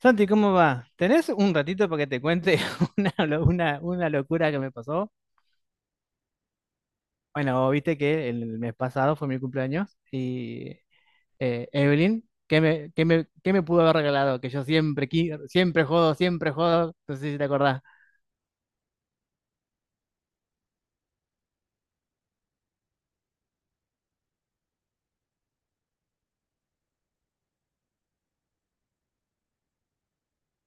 Santi, ¿cómo va? ¿Tenés un ratito para que te cuente una locura que me pasó? Bueno, viste que el mes pasado fue mi cumpleaños y Evelyn, ¿qué me pudo haber regalado? Que yo siempre, siempre jodo, no sé si te acordás.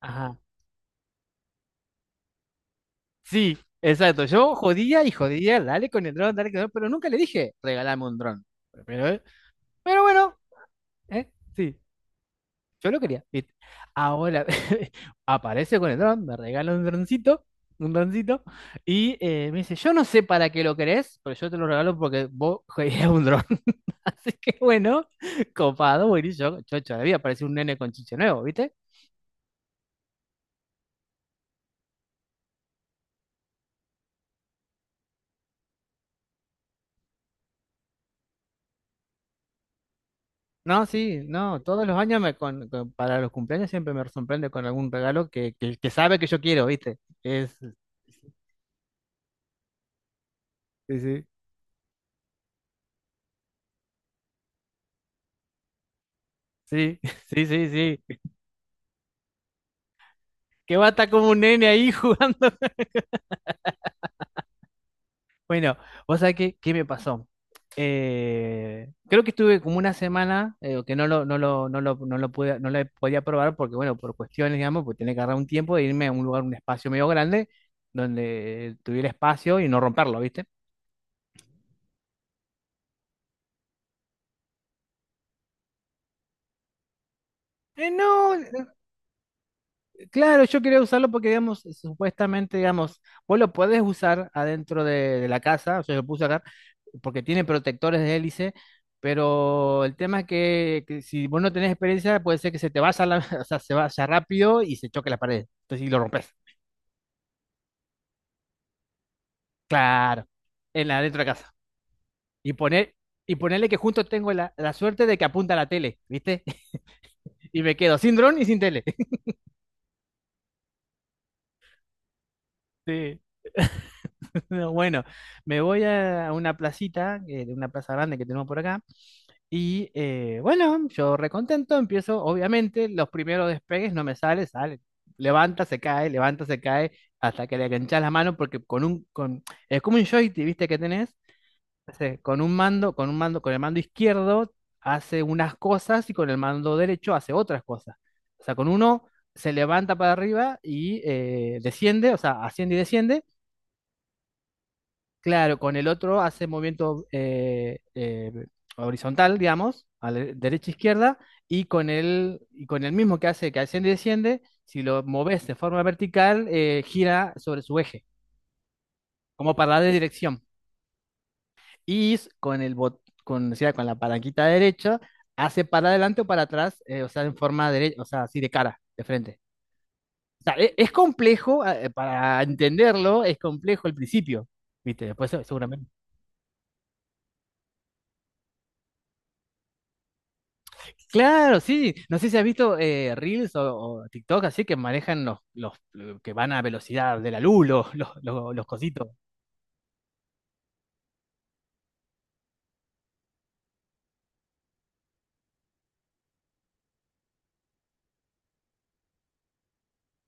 Ajá. Sí, exacto, yo jodía y jodía, dale con el dron, dale con el dron, pero nunca le dije, regalame un dron. Pero, pero bueno, ¿eh? Sí. Yo lo quería, ¿viste? Ahora aparece con el dron, me regala un droncito, y me dice, yo no sé para qué lo querés, pero yo te lo regalo porque vos querías un dron. Así que bueno, copado, buenísimo, chocho de la vida, parece un nene con chiche nuevo, ¿viste? No, sí, no, todos los años me para los cumpleaños siempre me sorprende con algún regalo que sabe que yo quiero, ¿viste? Es, sí, sí, sí, sí, sí, sí, que va a estar como un nene ahí jugando. Bueno, vos sabés qué, qué me pasó. Creo que estuve como una semana que no lo, no lo, no lo, no lo pude, no lo podía probar porque, bueno, por cuestiones, digamos, pues tenía que agarrar un tiempo de irme a un lugar, un espacio medio grande, donde tuviera espacio y no romperlo, ¿viste? No. Claro, yo quería usarlo porque, digamos, supuestamente, digamos, vos lo podés usar adentro de la casa, o sea, lo puse acá, porque tiene protectores de hélice, pero el tema es que si vos no tenés experiencia, puede ser que se te vaya, la, o sea, se vaya rápido y se choque la pared. Entonces, y lo rompes. Claro, en la dentro de la casa. Y poner, y ponerle que junto tengo la, la suerte de que apunta a la tele, ¿viste? Y me quedo sin dron y sin tele. Sí. Bueno, me voy a una placita, de una plaza grande que tenemos por acá. Y bueno, yo recontento, empiezo, obviamente, los primeros despegues no me sale, sale. Levanta, se cae, hasta que le enganchas la mano, porque con es como un joystick, ¿viste? Que tenés, entonces, con el mando izquierdo hace unas cosas y con el mando derecho hace otras cosas. O sea, con uno se levanta para arriba y desciende, o sea, asciende y desciende. Claro, con el otro hace movimiento horizontal, digamos, a la derecha e izquierda, y con el mismo que hace que asciende y desciende, si lo moves de forma vertical, gira sobre su eje, como para de dirección. Y con el bot- con, o sea, con la palanquita derecha, hace para adelante o para atrás, o sea, en forma derecha, o sea, así de cara, de frente. O sea, es complejo, para entenderlo, es complejo el principio, ¿viste? Después seguramente. Claro, sí. No sé si has visto Reels o TikTok así que manejan los que van a velocidad de la luz, los cositos.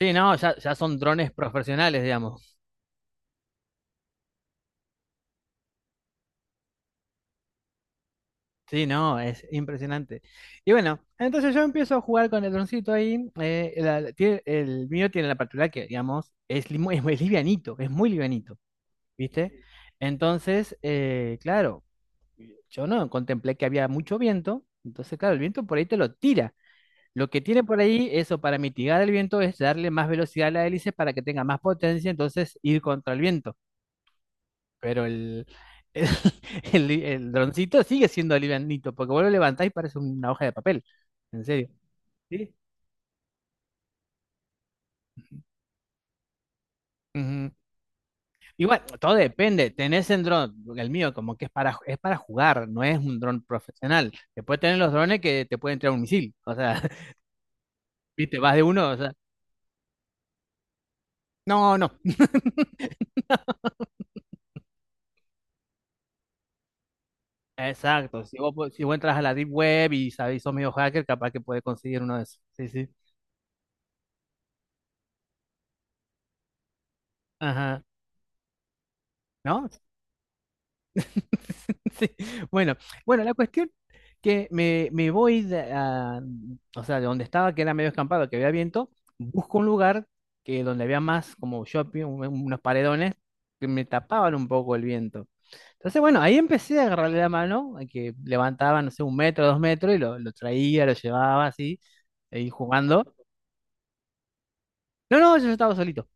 Sí, no, ya, ya son drones profesionales, digamos. Sí, no, es impresionante. Y bueno, entonces yo empiezo a jugar con el droncito ahí. El mío tiene la particularidad que, digamos, es, es muy livianito, ¿viste? Entonces, claro, yo no contemplé que había mucho viento. Entonces, claro, el viento por ahí te lo tira. Lo que tiene por ahí, eso para mitigar el viento, es darle más velocidad a la hélice para que tenga más potencia, entonces ir contra el viento. Pero el, el droncito sigue siendo livianito, porque vos lo levantás y parece una hoja de papel. En serio. Sí. Ujú. Igual, todo depende. Tenés el dron, el mío, como que es para jugar, no es un dron profesional. Después tenés los drones que te pueden entrar un misil. O sea, viste, vas de uno, o sea. No, no. Exacto, si vos, si vos entras a la Deep Web y sabés, sos medio hacker, capaz que puedes conseguir uno de esos. Sí, sí. Ajá. ¿No? Sí. Bueno, bueno, la cuestión que me, o sea, de donde estaba, que era medio escampado, que había viento, busco un lugar que donde había más como shopping, unos paredones que me tapaban un poco el viento. Entonces, bueno, ahí empecé a agarrarle la mano, a que levantaba, no sé, un metro, dos metros, y lo traía, lo llevaba así, ahí jugando. No, no, yo estaba solito.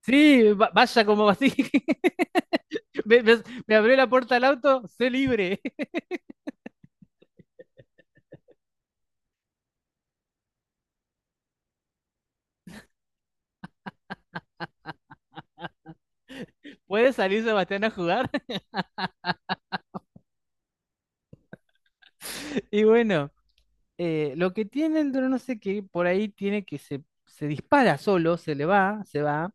Sí, vaya como así. Me, me- Me abrió la puerta del auto, sé libre. Puede salir Sebastián a jugar. Y bueno, lo que tiene el dron, no sé qué, por ahí tiene que se dispara solo, se le va, se va,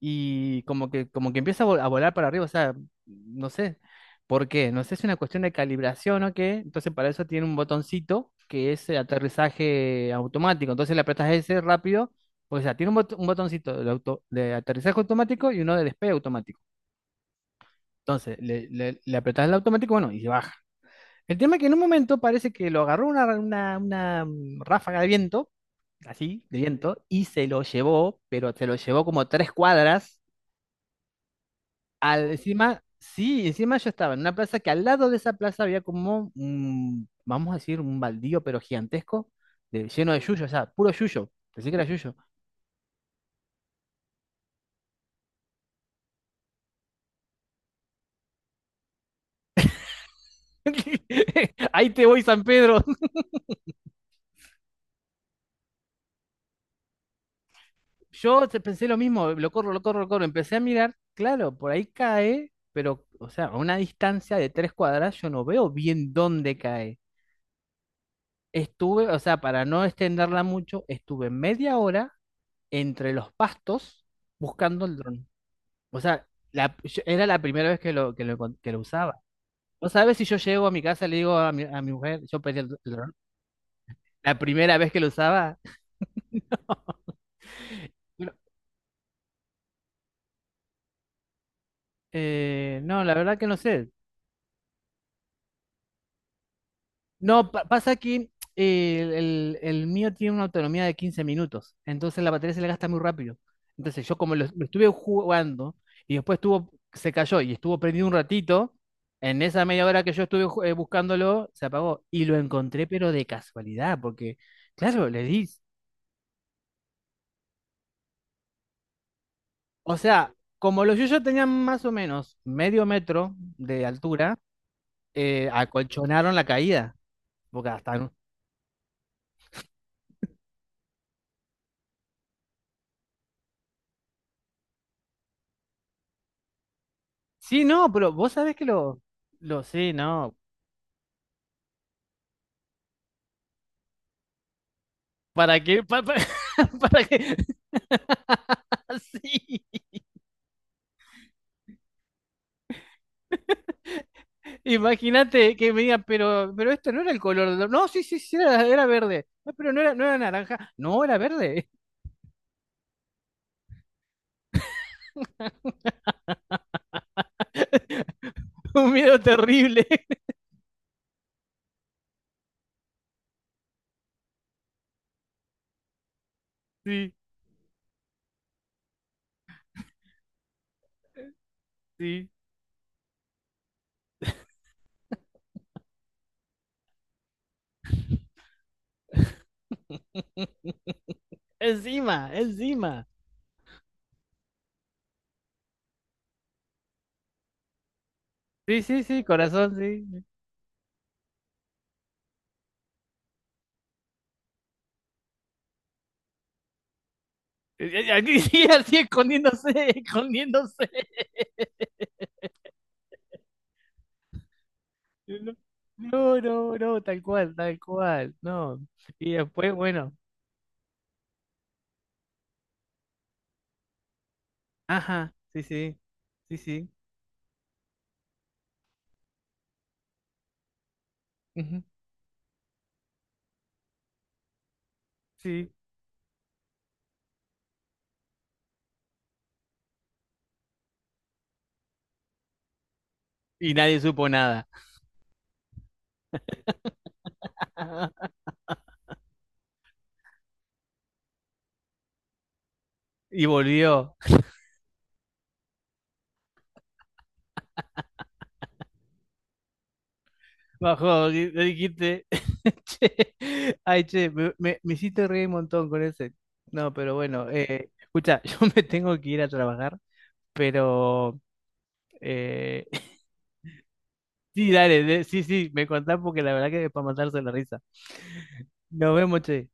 y como que empieza a a volar para arriba, o sea, no sé por qué, no sé si es una cuestión de calibración o qué, entonces para eso tiene un botoncito que es el aterrizaje automático, entonces le apretas ese rápido, o sea, tiene un, un botoncito de, de aterrizaje automático y uno de despegue automático, entonces le apretas el automático, bueno, y se baja. El tema es que en un momento parece que lo agarró una ráfaga de viento, así, de viento, y se lo llevó, pero se lo llevó como 3 cuadras. Al, encima, sí, encima yo estaba en una plaza que al lado de esa plaza había como un, vamos a decir, un baldío, pero gigantesco, lleno de yuyo, o sea, puro yuyo. Pensé que era yuyo. Ahí te voy, San Pedro. Yo pensé lo mismo, lo corro, lo corro, lo corro. Empecé a mirar, claro, por ahí cae, pero, o sea, a una distancia de 3 cuadras yo no veo bien dónde cae. Estuve, o sea, para no extenderla mucho, estuve media hora entre los pastos buscando el dron. O sea, era la primera vez que lo usaba. No sabes si yo llego a mi casa y le digo a mi mujer, yo pedí el dron. La primera vez que lo usaba. Bueno, no, la verdad que no sé. No, pasa que el mío tiene una autonomía de 15 minutos. Entonces la batería se le gasta muy rápido. Entonces yo como lo estuve jugando y después estuvo, se cayó y estuvo prendido un ratito, en esa media hora que yo estuve buscándolo, se apagó. Y lo encontré, pero de casualidad, porque, claro, le di. O sea, como los yuyos tenían más o menos medio metro de altura, acolchonaron la caída. Porque hasta... no. Sí, no, pero vos sabés que lo... Lo sí, no. ¿Para qué? ¿Para, qué? Sí. Imagínate que me digan, pero esto no era el color. No, sí, sí, sí, era, era verde. "No, pero no era, no era naranja. No, era verde. Un miedo terrible. Sí, sí. Encima, encima. Sí, sí, sí, corazón, sí. Aquí sí, así escondiéndose, escondiéndose. No, no, no, tal cual, no. Y después, bueno, ajá, sí, sí, sí, sí, ujú, sí. Y nadie supo nada. Y volvió, bajó, y le dijiste, che, ay, che, me hiciste reír un montón con ese. No, pero bueno, escucha, yo me tengo que ir a trabajar, pero eh, sí, dale, sí, sí, me contás porque la verdad que es para matarse la risa. Nos vemos, che.